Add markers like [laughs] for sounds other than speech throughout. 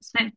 Sen-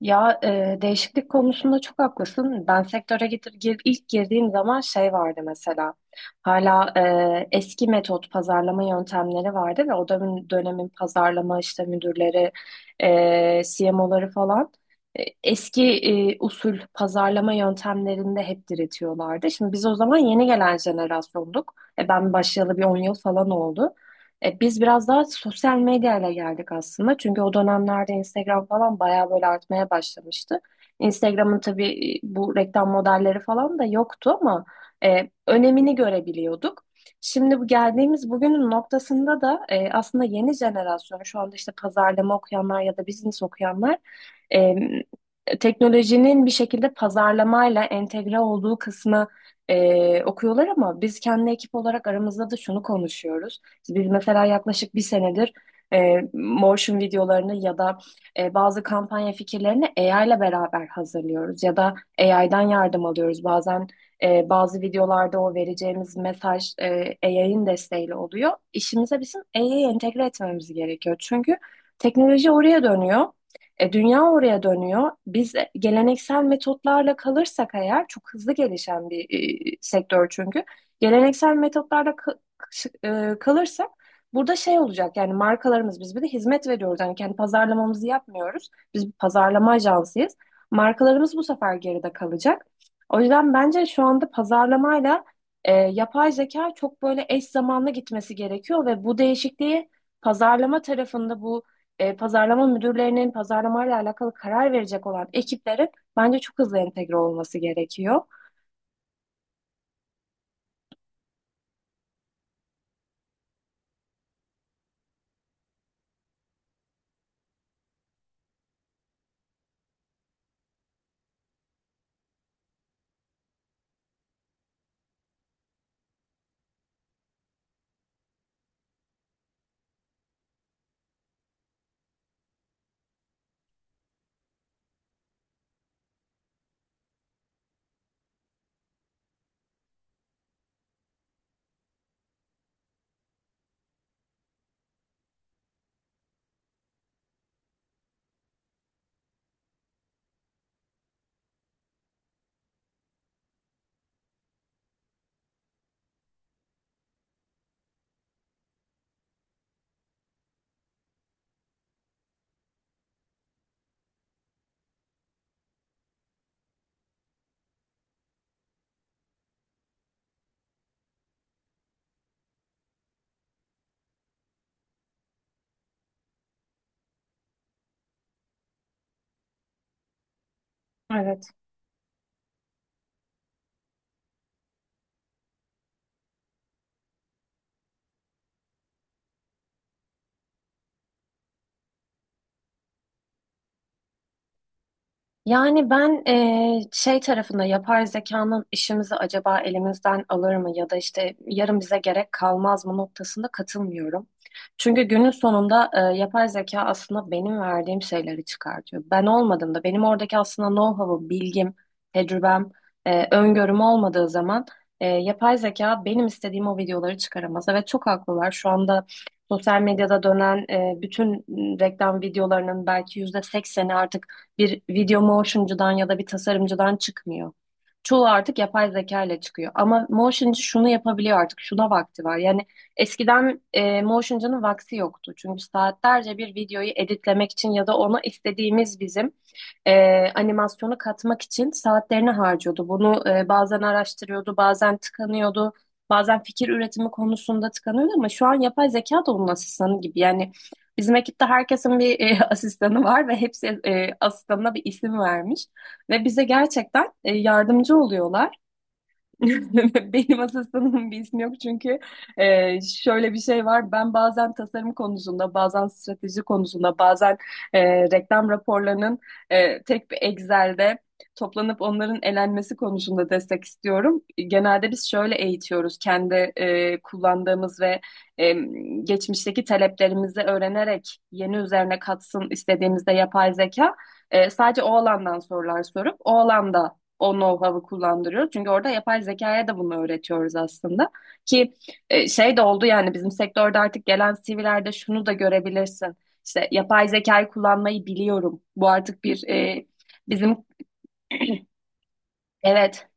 Ya, değişiklik konusunda çok haklısın. Ben sektöre ilk girdiğim zaman şey vardı mesela. Hala eski metot pazarlama yöntemleri vardı ve o dönemin pazarlama işte müdürleri, CMO'ları falan eski usul pazarlama yöntemlerinde hep diretiyorlardı. Şimdi biz o zaman yeni gelen jenerasyonduk. Ben başlayalı bir 10 yıl falan oldu. Biz biraz daha sosyal medyayla geldik aslında. Çünkü o dönemlerde Instagram falan bayağı böyle artmaya başlamıştı. Instagram'ın tabii bu reklam modelleri falan da yoktu ama önemini görebiliyorduk. Şimdi bu geldiğimiz bugünün noktasında da aslında yeni jenerasyon şu anda işte pazarlama okuyanlar ya da business okuyanlar e, teknolojinin bir şekilde pazarlamayla entegre olduğu kısmı okuyorlar ama biz kendi ekip olarak aramızda da şunu konuşuyoruz. Biz mesela yaklaşık bir senedir motion videolarını ya da bazı kampanya fikirlerini AI ile beraber hazırlıyoruz ya da AI'dan yardım alıyoruz. Bazen bazı videolarda o vereceğimiz mesaj AI'ın desteğiyle oluyor. İşimize bizim AI'yi entegre etmemiz gerekiyor. Çünkü teknoloji oraya dönüyor. Dünya oraya dönüyor. Biz geleneksel metotlarla kalırsak eğer çok hızlı gelişen bir sektör çünkü. Geleneksel metotlarla kalırsak burada şey olacak, yani markalarımız, biz bir de hizmet veriyoruz. Yani kendi pazarlamamızı yapmıyoruz. Biz bir pazarlama ajansıyız. Markalarımız bu sefer geride kalacak. O yüzden bence şu anda pazarlamayla yapay zeka çok böyle eş zamanlı gitmesi gerekiyor ve bu değişikliği pazarlama tarafında bu pazarlama müdürlerinin, pazarlamayla alakalı karar verecek olan ekiplerin bence çok hızlı entegre olması gerekiyor. Evet. Yani ben şey tarafında, yapay zekanın işimizi acaba elimizden alır mı ya da işte yarın bize gerek kalmaz mı noktasında katılmıyorum. Çünkü günün sonunda yapay zeka aslında benim verdiğim şeyleri çıkartıyor. Ben olmadığımda benim oradaki aslında know-how'ım, bilgim, tecrübem, öngörüm olmadığı zaman yapay zeka benim istediğim o videoları çıkaramaz. Evet, çok haklılar. Şu anda sosyal medyada dönen bütün reklam videolarının belki %80'i artık bir video motioncudan ya da bir tasarımcıdan çıkmıyor. Çoğu artık yapay zeka ile çıkıyor. Ama motioncu şunu yapabiliyor artık: şuna vakti var. Yani eskiden motioncunun vakti yoktu. Çünkü saatlerce bir videoyu editlemek için ya da ona istediğimiz bizim e, animasyonu katmak için saatlerini harcıyordu. Bunu bazen araştırıyordu, bazen tıkanıyordu, bazen fikir üretimi konusunda tıkanıyordu, ama şu an yapay zeka da onun asistanı gibi. Yani bizim ekipte herkesin bir [laughs] asistanı var ve hepsi asistanına bir isim vermiş. Ve bize gerçekten yardımcı oluyorlar. [laughs] Benim asistanımın bir ismi yok, çünkü şöyle bir şey var. Ben bazen tasarım konusunda, bazen strateji konusunda, bazen reklam raporlarının tek bir Excel'de toplanıp onların elenmesi konusunda destek istiyorum. Genelde biz şöyle eğitiyoruz, kendi kullandığımız ve e, geçmişteki taleplerimizi öğrenerek yeni üzerine katsın istediğimizde yapay zeka. Sadece o alandan sorular sorup o alanda o know-how'ı kullandırıyoruz. Çünkü orada yapay zekaya da bunu öğretiyoruz aslında. Ki şey de oldu, yani bizim sektörde artık gelen CV'lerde şunu da görebilirsin: İşte yapay zekayı kullanmayı biliyorum. Bu artık bir bizim, evet,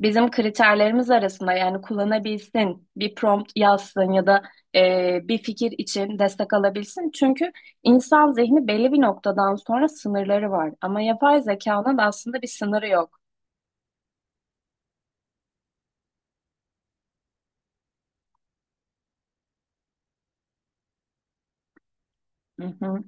bizim kriterlerimiz arasında; yani kullanabilsin, bir prompt yazsın ya da bir fikir için destek alabilsin. Çünkü insan zihni belli bir noktadan sonra sınırları var. Ama yapay zekanın aslında bir sınırı yok. Hı hı.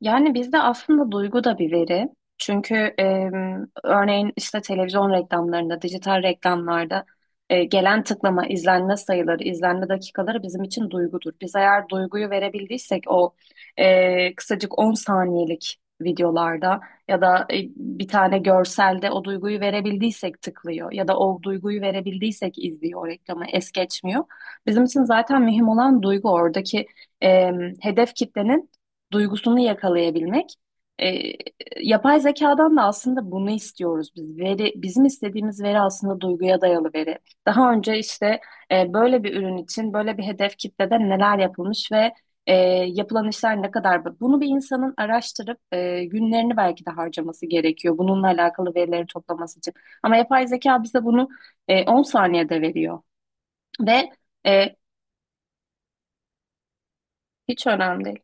Yani bizde aslında duygu da bir veri. Çünkü örneğin işte televizyon reklamlarında, dijital reklamlarda gelen tıklama, izlenme sayıları, izlenme dakikaları bizim için duygudur. Biz eğer duyguyu verebildiysek o kısacık 10 saniyelik videolarda ya da bir tane görselde, o duyguyu verebildiysek tıklıyor ya da o duyguyu verebildiysek izliyor o reklamı, es geçmiyor. Bizim için zaten mühim olan duygu, oradaki hedef kitlenin duygusunu yakalayabilmek. E, yapay zekadan da aslında bunu istiyoruz biz. Veri, bizim istediğimiz veri aslında duyguya dayalı veri. Daha önce işte böyle bir ürün için böyle bir hedef kitlede neler yapılmış ve e, yapılan işler ne kadar. Bunu bir insanın araştırıp günlerini belki de harcaması gerekiyor, bununla alakalı verileri toplaması için. Ama yapay zeka bize bunu 10 saniyede veriyor. Ve e, hiç önemli değil.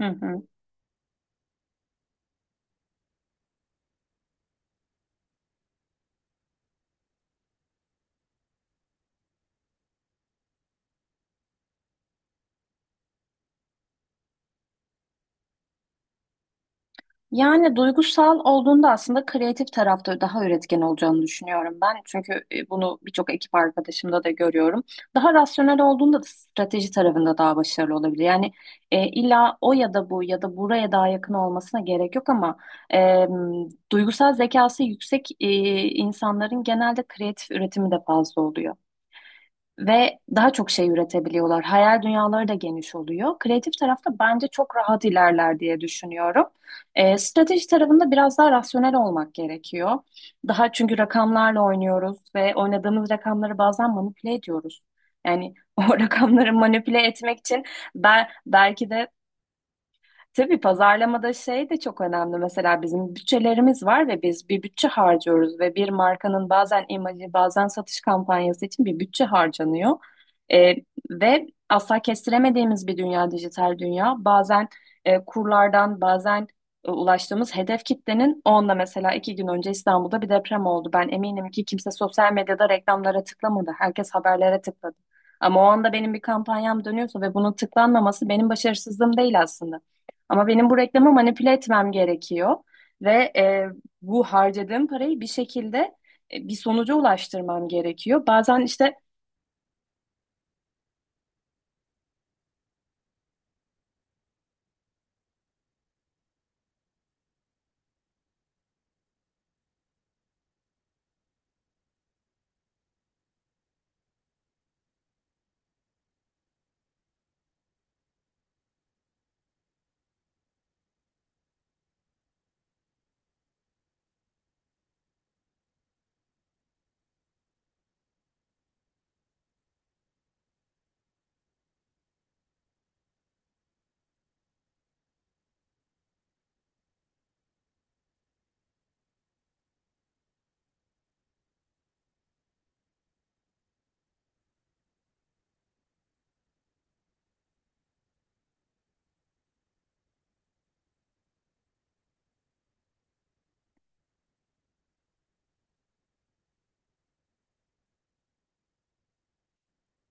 Hı hı. Yani duygusal olduğunda aslında kreatif tarafta daha üretken olacağını düşünüyorum ben. Çünkü bunu birçok ekip arkadaşımda da görüyorum. Daha rasyonel olduğunda da strateji tarafında daha başarılı olabilir. Yani illa o ya da bu ya da buraya daha yakın olmasına gerek yok, ama e, duygusal zekası yüksek insanların genelde kreatif üretimi de fazla oluyor ve daha çok şey üretebiliyorlar. Hayal dünyaları da geniş oluyor. Kreatif tarafta bence çok rahat ilerler diye düşünüyorum. Strateji tarafında biraz daha rasyonel olmak gerekiyor. Daha, çünkü rakamlarla oynuyoruz ve oynadığımız rakamları bazen manipüle ediyoruz. Yani [laughs] o rakamları manipüle etmek için ben belki de... Tabii pazarlamada şey de çok önemli. Mesela bizim bütçelerimiz var ve biz bir bütçe harcıyoruz ve bir markanın bazen imajı, bazen satış kampanyası için bir bütçe harcanıyor. Ee, ve asla kestiremediğimiz bir dünya, dijital dünya. Bazen kurlardan, bazen ulaştığımız hedef kitlenin, onunla, mesela 2 gün önce İstanbul'da bir deprem oldu. Ben eminim ki kimse sosyal medyada reklamlara tıklamadı. Herkes haberlere tıkladı. Ama o anda benim bir kampanyam dönüyorsa ve bunun tıklanmaması benim başarısızlığım değil aslında. Ama benim bu reklamı manipüle etmem gerekiyor ve bu harcadığım parayı bir şekilde bir sonuca ulaştırmam gerekiyor. Bazen işte...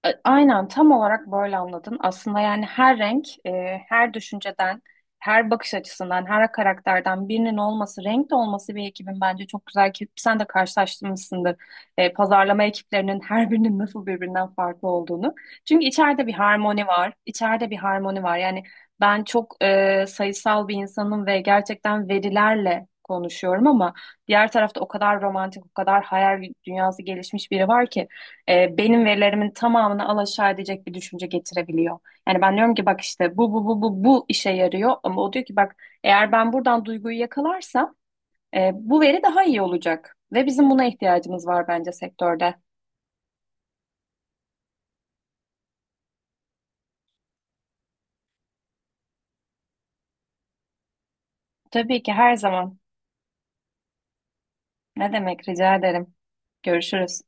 Aynen, tam olarak böyle anladın. Aslında yani her renk, her düşünceden, her bakış açısından, her karakterden birinin olması, renk de olması bir ekibin bence çok güzel, ki sen de karşılaştırmışsındır. Pazarlama ekiplerinin her birinin nasıl birbirinden farklı olduğunu. Çünkü içeride bir harmoni var. İçeride bir harmoni var. Yani ben çok sayısal bir insanım ve gerçekten verilerle konuşuyorum, ama diğer tarafta o kadar romantik, o kadar hayal dünyası gelişmiş biri var ki benim verilerimin tamamını alaşağı edecek bir düşünce getirebiliyor. Yani ben diyorum ki bak işte bu bu bu bu bu işe yarıyor, ama o diyor ki bak, eğer ben buradan duyguyu yakalarsam bu veri daha iyi olacak ve bizim buna ihtiyacımız var bence sektörde. Tabii ki, her zaman. Ne demek, rica ederim. Görüşürüz.